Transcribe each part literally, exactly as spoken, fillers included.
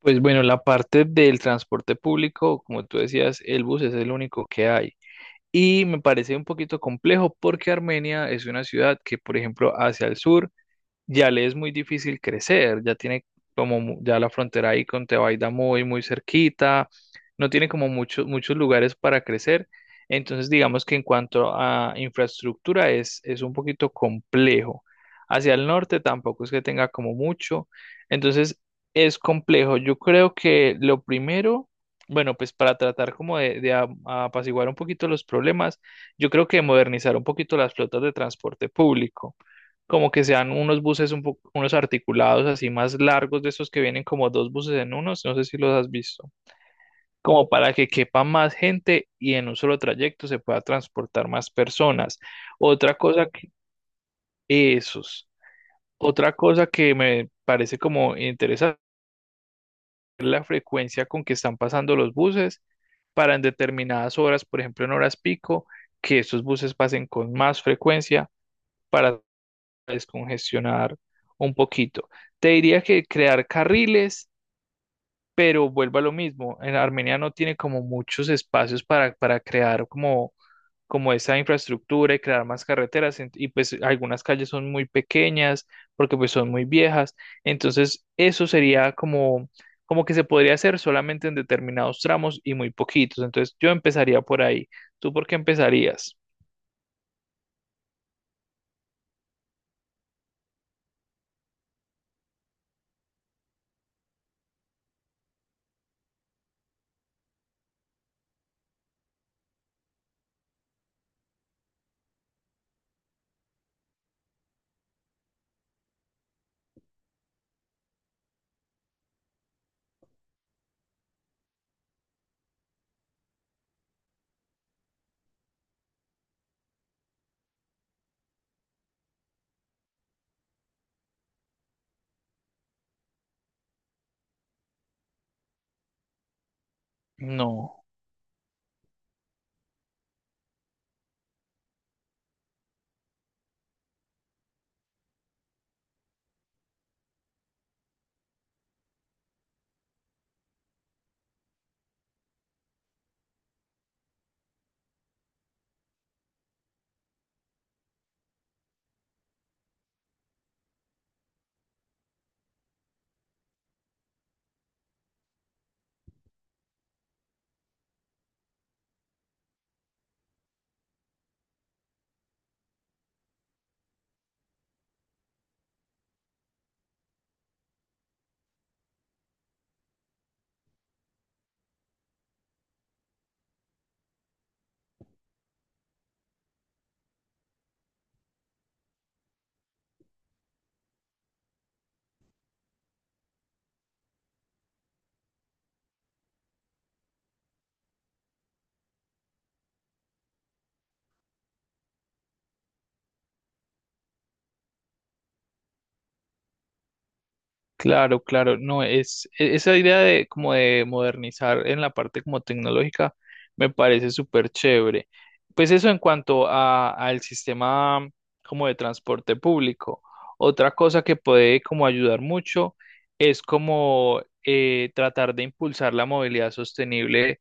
Pues bueno, la parte del transporte público, como tú decías, el bus es el único que hay. Y me parece un poquito complejo porque Armenia es una ciudad que, por ejemplo, hacia el sur, ya le es muy difícil crecer, ya tiene como mu- ya la frontera ahí con Tebaida muy, muy cerquita, no tiene como muchos, muchos lugares para crecer. Entonces, digamos que en cuanto a infraestructura es, es un poquito complejo. Hacia el norte tampoco es que tenga como mucho. Entonces, es complejo. Yo creo que lo primero, bueno, pues para tratar como de, de a- apaciguar un poquito los problemas, yo creo que modernizar un poquito las flotas de transporte público como que sean unos buses un poco, unos articulados así más largos de esos que vienen como dos buses en uno, no sé si los has visto, como para que quepa más gente y en un solo trayecto se pueda transportar más personas. Otra cosa que, esos, otra cosa que me parece como interesante es la frecuencia con que están pasando los buses para en determinadas horas, por ejemplo en horas pico, que esos buses pasen con más frecuencia para descongestionar un poquito. Te diría que crear carriles, pero vuelvo a lo mismo. En Armenia no tiene como muchos espacios para, para crear como, como esa infraestructura y crear más carreteras. ent- Y pues algunas calles son muy pequeñas porque pues son muy viejas. Entonces eso sería como, como que se podría hacer solamente en determinados tramos y muy poquitos. Entonces yo empezaría por ahí. ¿Tú por qué empezarías? No. Claro, claro, no, es e- esa idea de como de modernizar en la parte como tecnológica me parece súper chévere. Pues eso en cuanto a al sistema como de transporte público. Otra cosa que puede como ayudar mucho es como eh, tratar de impulsar la movilidad sostenible,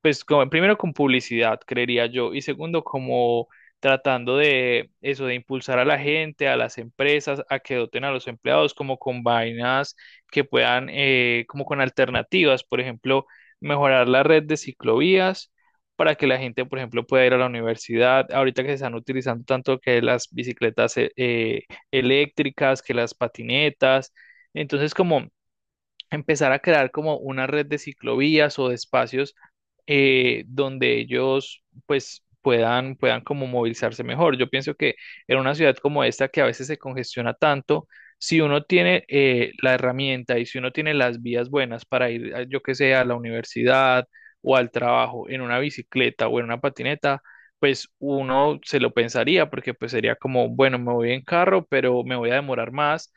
pues como, primero con publicidad, creería yo, y segundo como tratando de eso, de impulsar a la gente, a las empresas, a que doten a los empleados como con vainas que puedan, eh, como con alternativas, por ejemplo, mejorar la red de ciclovías para que la gente, por ejemplo, pueda ir a la universidad. Ahorita que se están utilizando tanto que las bicicletas eh, eh, eléctricas, que las patinetas. Entonces, como empezar a crear como una red de ciclovías o de espacios eh, donde ellos pues puedan, puedan como movilizarse mejor. Yo pienso que en una ciudad como esta que a veces se congestiona tanto, si uno tiene eh, la herramienta y si uno tiene las vías buenas para ir, a- yo que sé, a la universidad o al trabajo en una bicicleta o en una patineta, pues uno se lo pensaría porque pues sería como, bueno, me voy en carro, pero me voy a demorar más.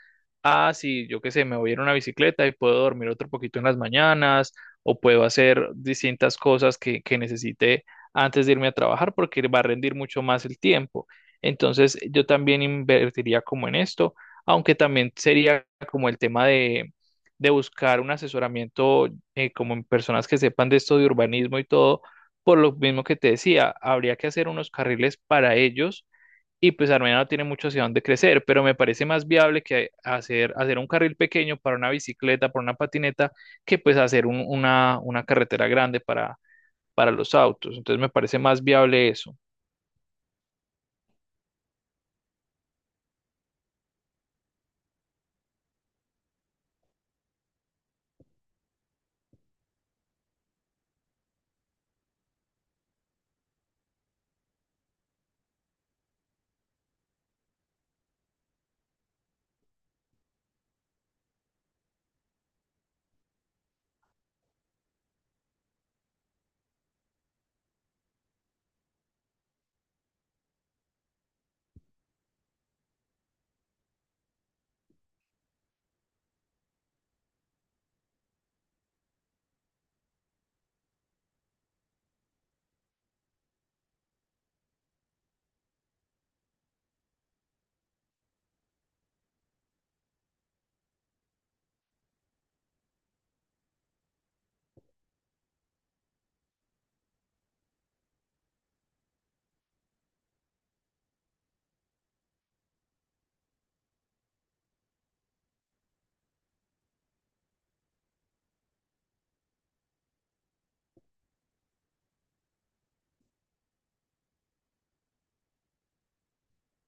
Ah, sí, yo qué sé, me voy a ir a una bicicleta y puedo dormir otro poquito en las mañanas o puedo hacer distintas cosas que, que necesite antes de irme a trabajar porque va a rendir mucho más el tiempo. Entonces, yo también invertiría como en esto, aunque también sería como el tema de, de buscar un asesoramiento eh, como en personas que sepan de esto de urbanismo y todo, por lo mismo que te decía, habría que hacer unos carriles para ellos y pues Armenia no tiene mucho hacia dónde crecer, pero me parece más viable que hacer, hacer un carril pequeño para una bicicleta, para una patineta, que pues hacer un- una, una carretera grande para, para los autos. Entonces me parece más viable eso.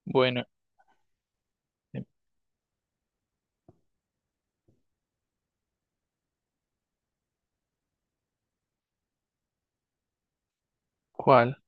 Bueno, ¿cuál?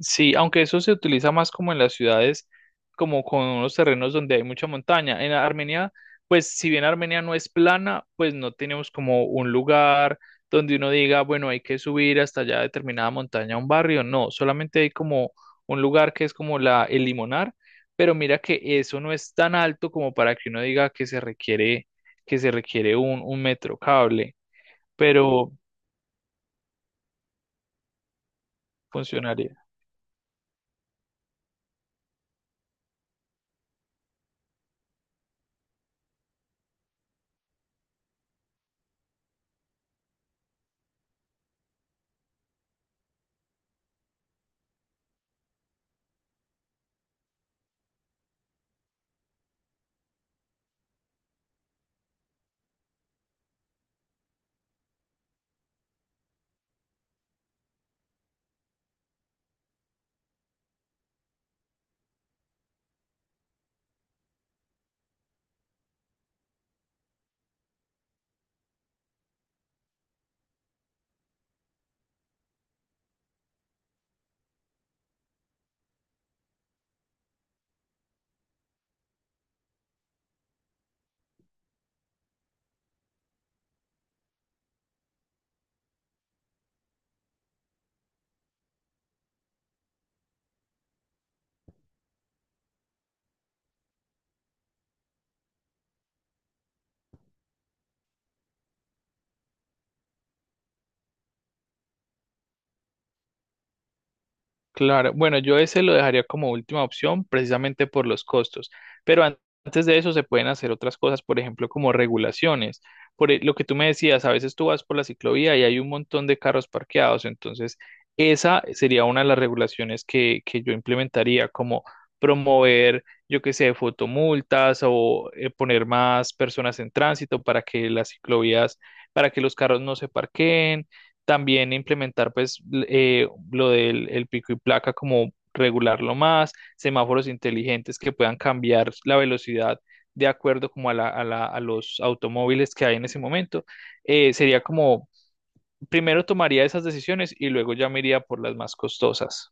Sí, aunque eso se utiliza más como en las ciudades, como con unos terrenos donde hay mucha montaña. En Armenia, pues si bien Armenia no es plana, pues no tenemos como un lugar donde uno diga, bueno, hay que subir hasta allá determinada montaña a un barrio. No, solamente hay como un lugar que es como la, el Limonar, pero mira que eso no es tan alto como para que uno diga que se requiere, que se requiere un, un metro cable, pero funcionaría. Claro, bueno, yo ese lo dejaría como última opción precisamente por los costos, pero an- antes de eso se pueden hacer otras cosas, por ejemplo, como regulaciones. Por e- lo que tú me decías, a veces tú vas por la ciclovía y hay un montón de carros parqueados, entonces esa sería una de las regulaciones que, que yo implementaría, como promover, yo qué sé, fotomultas o eh, poner más personas en tránsito para que las ciclovías, para que los carros no se parqueen también implementar pues l- eh, lo del el pico y placa como regularlo más, semáforos inteligentes que puedan cambiar la velocidad de acuerdo como a la, a la- a los automóviles que hay en ese momento. Eh, sería como, primero tomaría esas decisiones y luego ya me iría por las más costosas.